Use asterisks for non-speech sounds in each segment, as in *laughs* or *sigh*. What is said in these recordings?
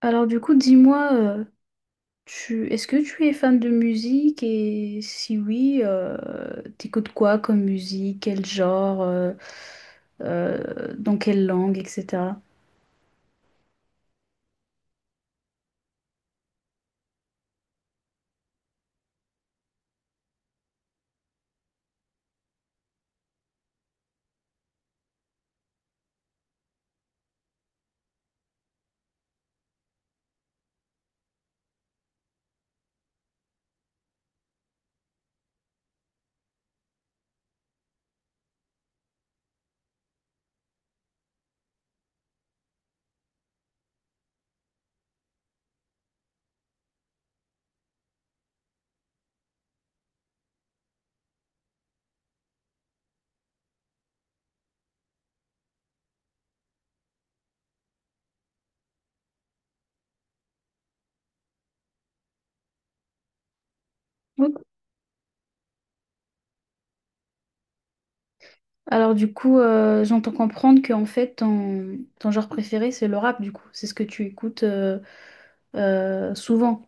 Alors du coup, dis-moi, tu est-ce que tu es fan de musique et si oui, t'écoutes quoi comme musique, quel genre, dans quelle langue, etc. Ok. Alors du coup, j'entends comprendre que en fait ton genre préféré c'est le rap du coup, c'est ce que tu écoutes souvent.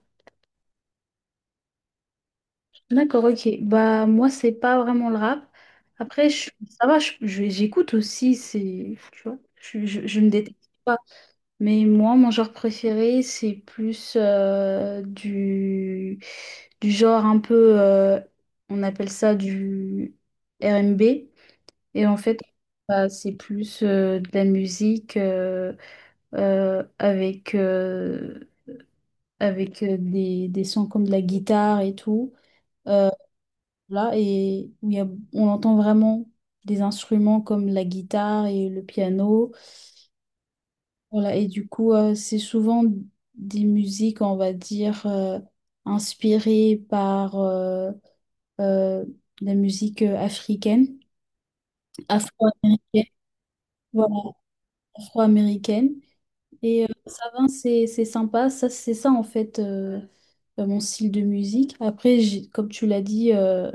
D'accord, ok. Bah moi c'est pas vraiment le rap. Après ça va, j'écoute aussi, c'est tu vois, je me déteste pas. Mais moi, mon genre préféré, c'est plus du genre un peu, on appelle ça du R&B. Et en fait, bah, c'est plus de la musique avec, avec des sons comme de la guitare et tout. Là, et où on entend vraiment des instruments comme la guitare et le piano. Voilà, et du coup, c'est souvent des musiques, on va dire, inspirées par euh, la musique africaine, afro-américaine, voilà, afro-américaine. Et ça va, c'est sympa, ça, c'est ça en fait mon style de musique. Après, comme tu l'as dit,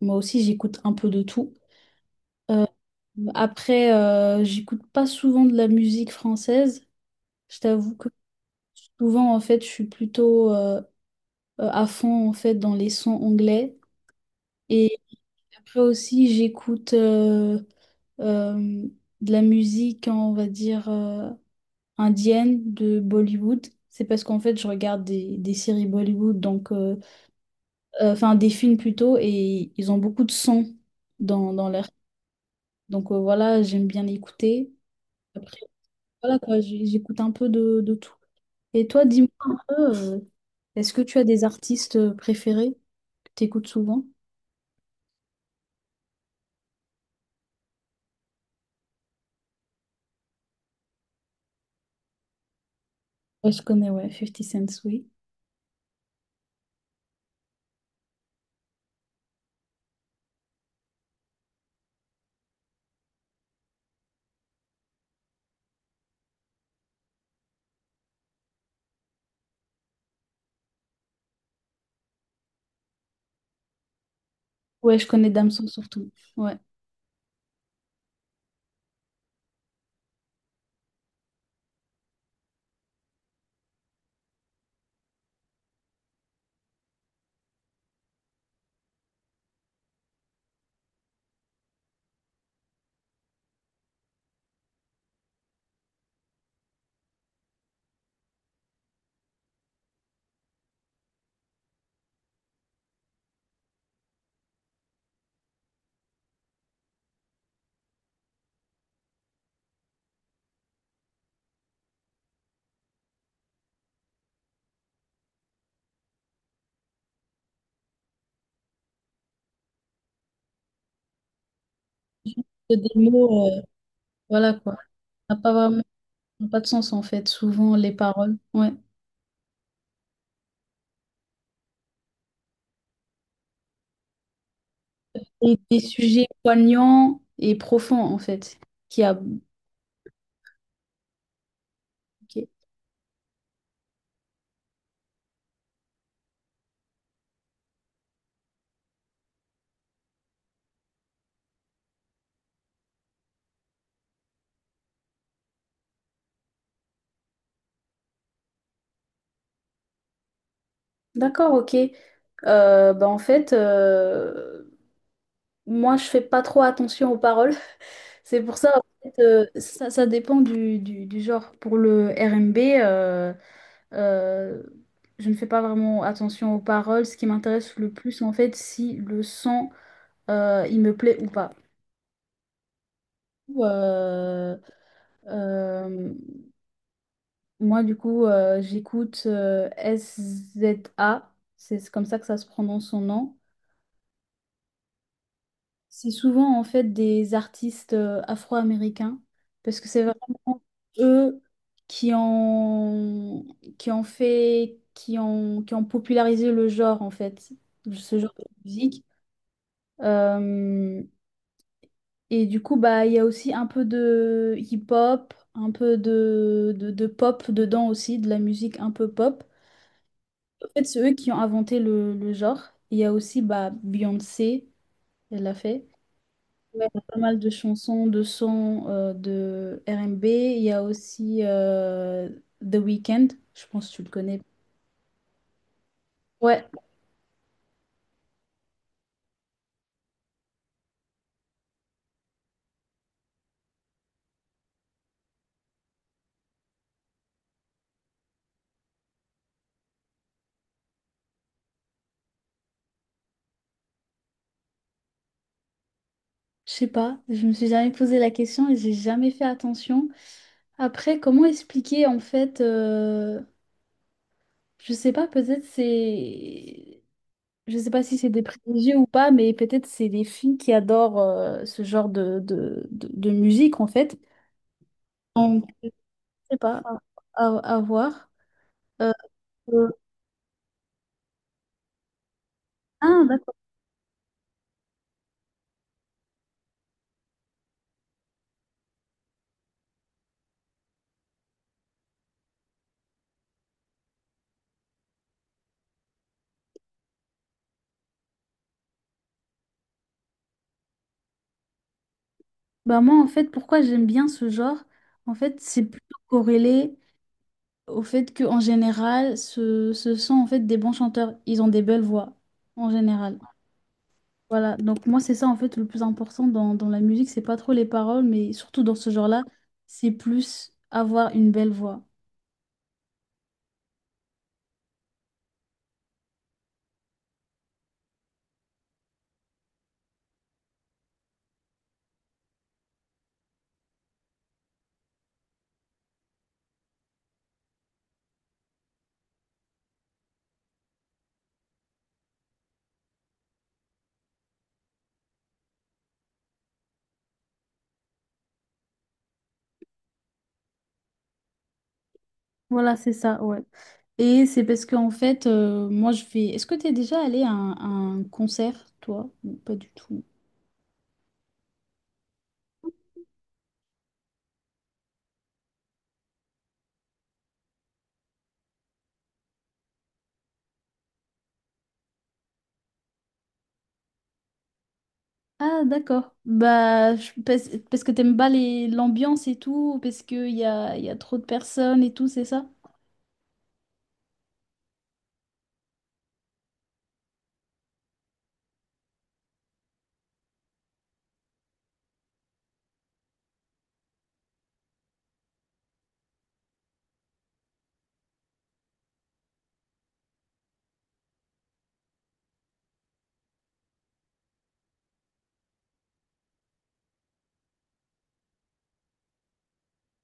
moi aussi j'écoute un peu de tout. Après, j'écoute pas souvent de la musique française. Je t'avoue que souvent, en fait, je suis plutôt à fond en fait dans les sons anglais. Et après aussi, j'écoute euh, de la musique, hein, on va dire, indienne de Bollywood. C'est parce qu'en fait, je regarde des séries Bollywood, donc, enfin des films plutôt, et ils ont beaucoup de sons dans leur. Donc voilà, j'aime bien écouter. Après, voilà quoi, j'écoute un peu de tout. Et toi, dis-moi un peu, est-ce que tu as des artistes préférés que tu écoutes souvent? Ouais, je connais, ouais, Fifty Cent, oui. Ouais, je connais Damso surtout. Ouais. Que des mots, voilà quoi. Ça n'a pas vraiment, ça n'a pas de sens en fait, souvent les paroles. Ouais. Et des sujets poignants et profonds en fait. Qui a... Ok. D'accord, ok. Bah, en fait, moi je fais pas trop attention aux paroles. *laughs* C'est pour ça, en fait, ça dépend du genre. Pour le R&B, Euh, je ne fais pas vraiment attention aux paroles. Ce qui m'intéresse le plus, c'est en fait, si le son, il me plaît ou pas. Euh, euh, moi, du coup, j'écoute SZA. C'est comme ça que ça se prononce son nom. C'est souvent, en fait, des artistes afro-américains parce que c'est vraiment eux qui ont, qui ont popularisé le genre, en fait, ce genre de musique. Euh, et du coup, bah, il y a aussi un peu de hip-hop, un peu de pop dedans aussi, de la musique un peu pop. En fait, c'est eux qui ont inventé le genre. Il y a aussi bah, Beyoncé, elle l'a fait. Ouais, il y a pas mal de chansons, de sons de R&B. Il y a aussi The Weeknd, je pense que tu le connais. Ouais, je sais pas, je me suis jamais posé la question et j'ai jamais fait attention. Après, comment expliquer en fait, je sais pas, peut-être c'est. Je sais pas si c'est des privilégiés ou pas, mais peut-être c'est les filles qui adorent ce genre de musique, en fait. On je sais pas, à voir. Euh, euh, ah, d'accord. Bah, moi, en fait, pourquoi j'aime bien ce genre? En fait, c'est plutôt corrélé au fait que en général, ce sont en fait des bons chanteurs. Ils ont des belles voix, en général. Voilà, donc moi c'est ça en fait le plus important dans la musique, c'est pas trop les paroles, mais surtout dans ce genre-là, c'est plus avoir une belle voix. Voilà, c'est ça, ouais. Et c'est parce qu'en fait, moi je fais... Est-ce que t'es déjà allé à un, concert, toi? Ou pas du tout. Ah, d'accord. Bah, parce que t'aimes pas l'ambiance et tout, parce qu'y a trop de personnes et tout, c'est ça?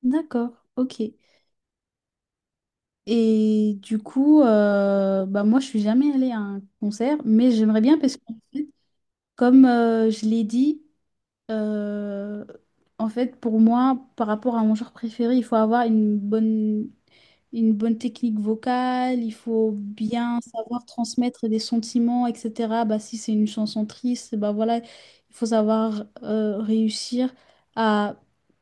D'accord, ok. Et du coup, bah moi je suis jamais allée à un concert, mais j'aimerais bien parce que comme je l'ai dit, euh, en fait, pour moi, par rapport à mon genre préféré, il faut avoir une bonne technique vocale, il faut bien savoir transmettre des sentiments, etc. Bah, si c'est une chanson triste, bah voilà, il faut savoir réussir à...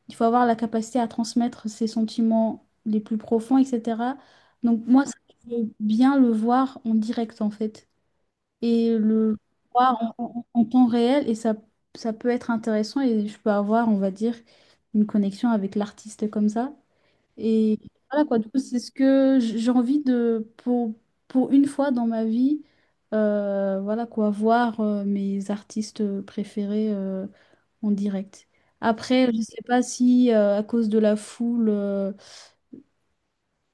Il faut avoir la capacité à transmettre ses sentiments les plus profonds, etc. Donc moi, ça, je veux bien le voir en direct, en fait et le voir en temps réel et ça peut être intéressant et je peux avoir, on va dire, une connexion avec l'artiste comme ça. Et voilà quoi, du coup, c'est ce que j'ai envie de, pour une fois dans ma vie, voilà quoi, voir mes artistes préférés en direct. Après, je ne sais pas si à cause de la foule,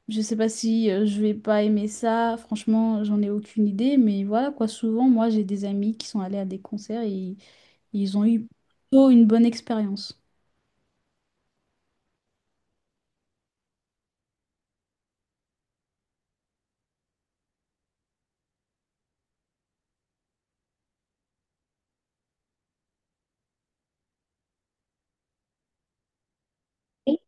je sais pas si je vais pas aimer ça, franchement, j'en ai aucune idée, mais voilà quoi. Souvent, moi, j'ai des amis qui sont allés à des concerts et ils ont eu plutôt une bonne expérience. Et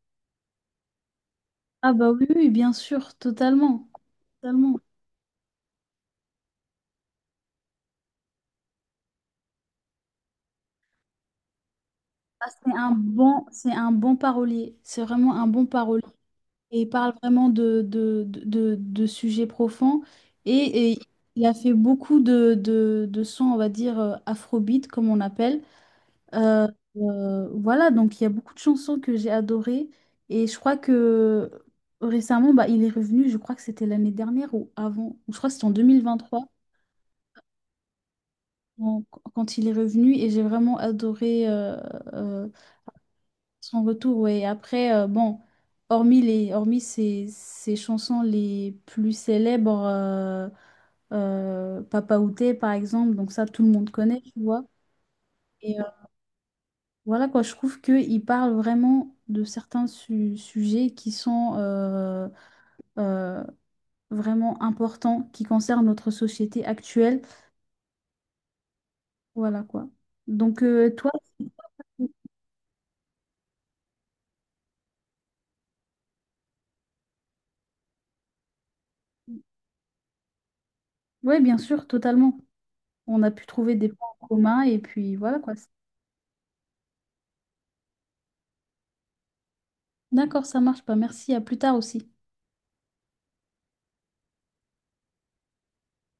Ah bah oui, oui, bien sûr, totalement, totalement. Ah, c'est un bon parolier, c'est vraiment un bon parolier. Et il parle vraiment de sujets profonds et il a fait beaucoup de sons, on va dire, afrobeat, comme on appelle. Euh, voilà, donc il y a beaucoup de chansons que j'ai adorées et je crois que récemment, bah, il est revenu, je crois que c'était l'année dernière ou avant, ou je crois que c'était en 2023 en- quand il est revenu et j'ai vraiment adoré euh, son retour. Ouais. Et après, bon, hormis ses chansons les plus célèbres, Papa Outé par exemple, donc ça tout le monde connaît, tu vois. Voilà quoi, je trouve qu'il parle vraiment de certains sujets qui sont euh, vraiment importants, qui concernent notre société actuelle. Voilà quoi. Donc toi, oui, bien sûr, totalement. On a pu trouver des points communs et puis voilà quoi. D'accord, ça marche pas. Merci, à plus tard aussi.